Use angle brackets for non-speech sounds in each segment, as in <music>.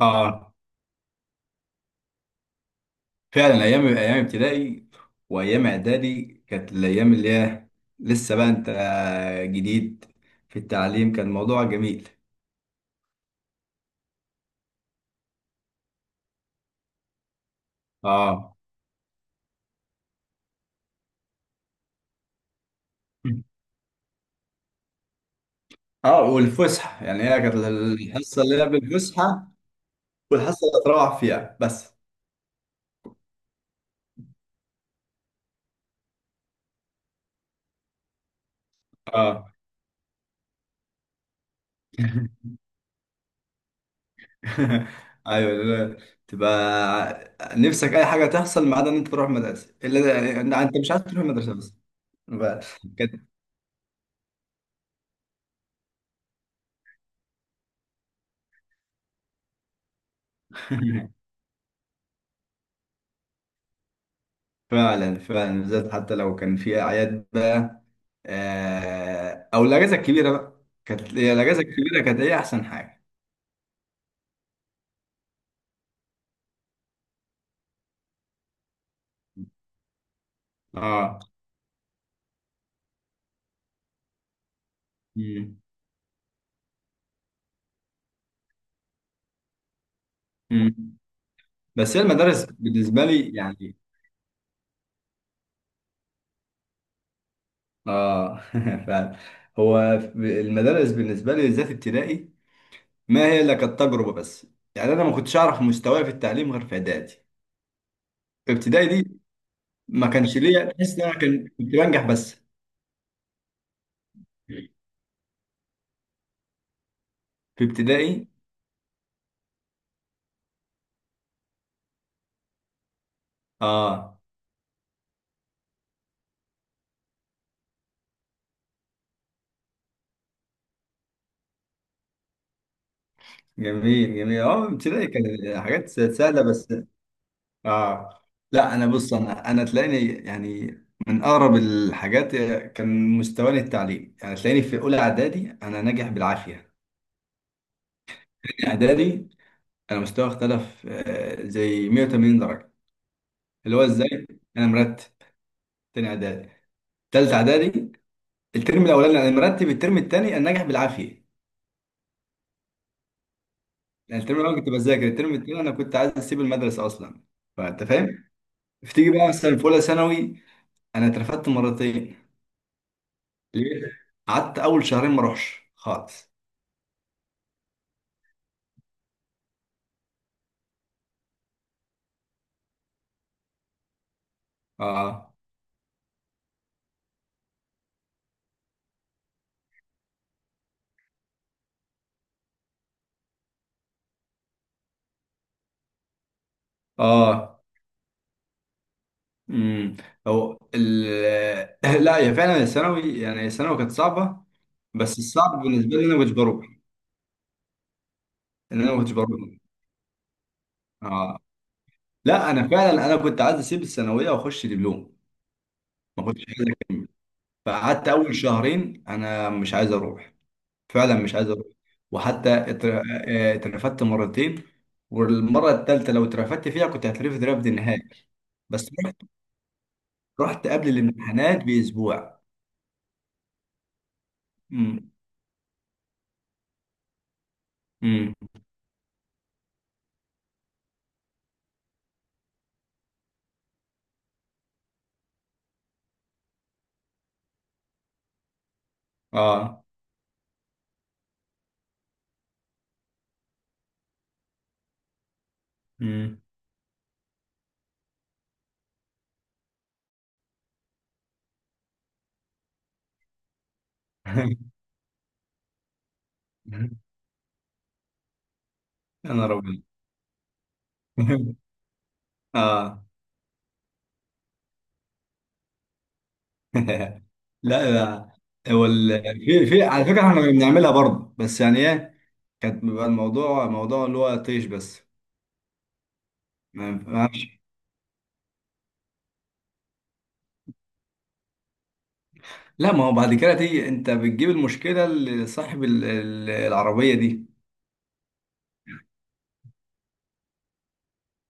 اه. فعلا ايام ايام ابتدائي وايام اعدادي كانت الايام اللي هي لسه بقى انت جديد في التعليم كان موضوع جميل. اه، اه، والفسحه يعني هي كانت الحصه اللي قبل الفسحه، والحصه اللي تروح فيها بس. اه. <laughs> ايوه، لا، تبقى نفسك اي حاجه تحصل ما عدا ان انت تروح مدرسه، الا يعني انت مش عايز تروح مدرسه بس بقى. كده. <laughs> فعلا فعلا بالذات حتى لو كان في اعياد بقى او الاجازه الكبيره بقى كانت هي الاجازه الكبيره، كانت هي احسن حاجه. اه. مم. مم. بس هي المدارس بالنسبه لي يعني. اه. <laughs> فعلا هو المدارس بالنسبه لي بالذات ابتدائي ما هي الا كانت تجربه بس. يعني انا ما كنتش اعرف مستواي في التعليم غير في اعدادي. في ابتدائي دي ما كانش ليا تحس ان انا كنت بنجح بس في ابتدائي. اه. جميل جميل. اه. ابتدائي كانت حاجات سهله بس. اه. لا، انا بص انا تلاقيني يعني من اقرب الحاجات كان مستواني التعليم يعني تلاقيني في اولى اعدادي انا ناجح بالعافيه. تاني اعدادي انا مستوى اختلف زي 180 درجه. اللي هو ازاي انا مرتب تاني اعدادي، تالت اعدادي الترم الاولاني انا مرتب، الترم التاني انا ناجح بالعافيه. يعني الترم الاول كنت بذاكر، الترم التاني انا كنت عايز اسيب المدرسه اصلا. فانت فاهم. فتيجي بقى مثلا في اولى ثانوي انا اترفدت مرتين. ليه؟ قعدت اول شهرين ما اروحش خالص. اه. اه. امم. هو ال <laughs> لا، هي فعلا الثانوي، يعني الثانوي كانت صعبه. بس الصعب بالنسبه لي انا ما كنتش بروح، ان انا ما كنتش بروح. اه. لا، انا فعلا انا كنت عايز اسيب الثانويه واخش دبلوم. ما كنتش عايز اكمل. فقعدت اول شهرين انا مش عايز اروح، فعلا مش عايز اروح. وحتى اترفدت مرتين. والمره الثالثه لو اترفدت فيها كنت هترفد رفد نهائي. بس رحت قبل الامتحانات باسبوع. امم. امم. اه. امم. <laughs> انا ربنا. <laughs> اه. <laughs> لا، لا، في على فكره احنا كنا بنعملها برضه. بس يعني ايه، كانت بيبقى الموضوع موضوع اللي هو طيش بس. ما لا، ما هو بعد كده تيجي انت بتجيب المشكله لصاحب العربيه دي.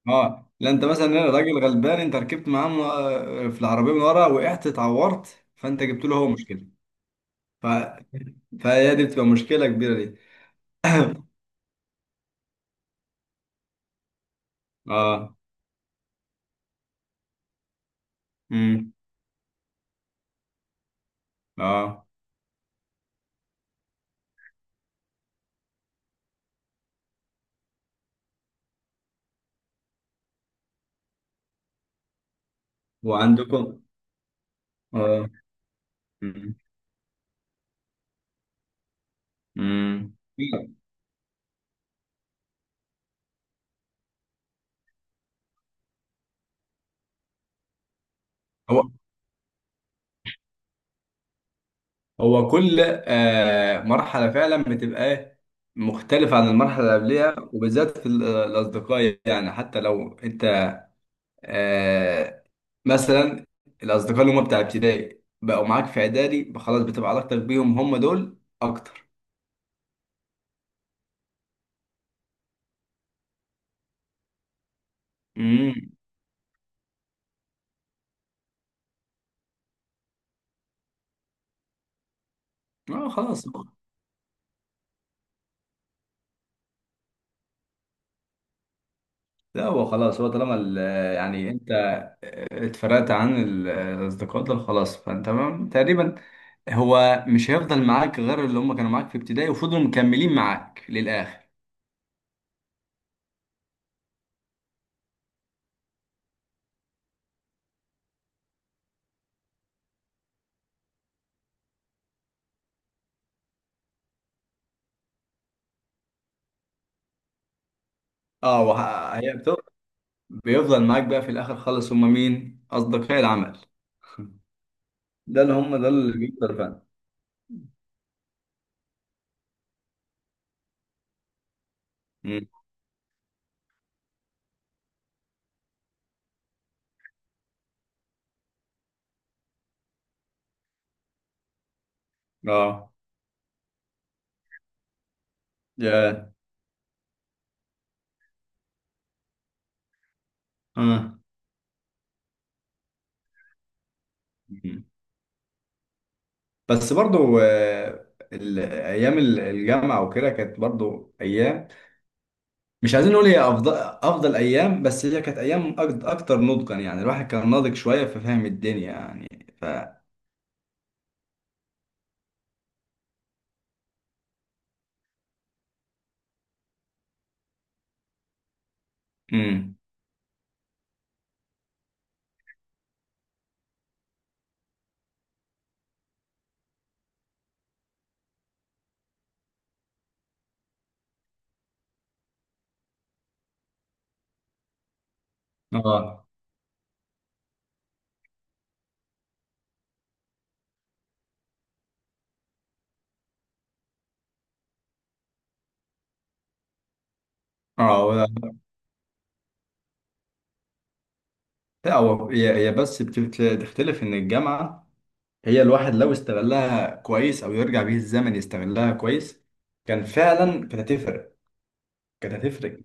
اه. لا، انت مثلا راجل غلبان انت ركبت معاه في العربيه من ورا، وقعت اتعورت، فانت جبت له هو مشكله. ف... فهي دي بتبقى مشكله كبيره دي. اه. امم. اه. وعندكم. اه. امم. امم. هو هو كل مرحله فعلا بتبقى إيه؟ مختلفه عن المرحله اللي قبلها، وبالذات في الاصدقاء. يعني حتى لو انت آه مثلا الاصدقاء اللي هم بتاع ابتدائي بقوا معاك في اعدادي، بقى خلاص بتبقى علاقتك بيهم هم دول اكتر. امم. اه. خلاص. لا، هو خلاص هو طالما يعني انت اتفرقت عن الاصدقاء دول خلاص. فانت تقريبا هو مش هيفضل معاك غير اللي هم كانوا معاك في ابتدائي وفضلوا مكملين معاك للاخر. اه. هي بيفضل معاك بقى في الاخر خالص. هم مين؟ اصدقاء العمل ده اللي هم ده اللي بيفضل فعلا. مم. اه. يا اه. مم. بس برضو ايام الجامعه وكده كانت برضو ايام. مش عايزين نقول هي افضل افضل ايام، بس هي كانت ايام اكتر نضجا. يعني الواحد كان ناضج شويه في فهم الدنيا يعني. ف امم. اه. اه. لا، هو هي بس بتختلف ان الجامعه هي، الواحد لو استغلها كويس او يرجع بيه الزمن يستغلها كويس، كان فعلا كانت هتفرق، كانت هتفرق.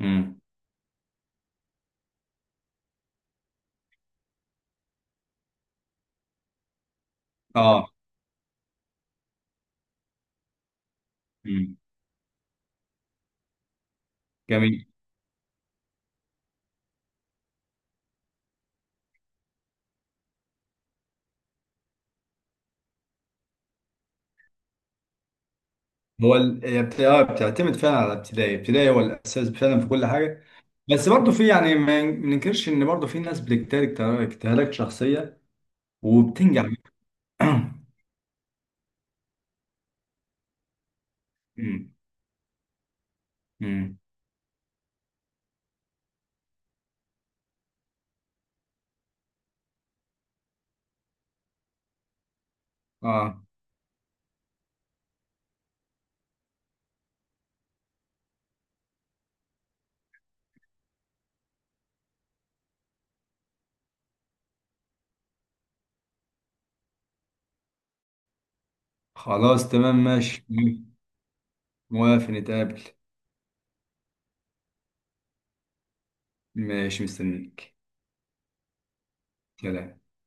امم. اه. امم. جميل. هو هي بتعتمد فعلا على ابتدائي. ابتدائي هو الاساس فعلا في كل حاجه. بس برضه في، يعني ما ننكرش ان برضه في ناس بتجتهد اجتهادات شخصيه وبتنجح. <clears throat> أمم، أمم. اه. خلاص تمام ماشي. موافق نتقابل. ماشي مستنيك. سلام.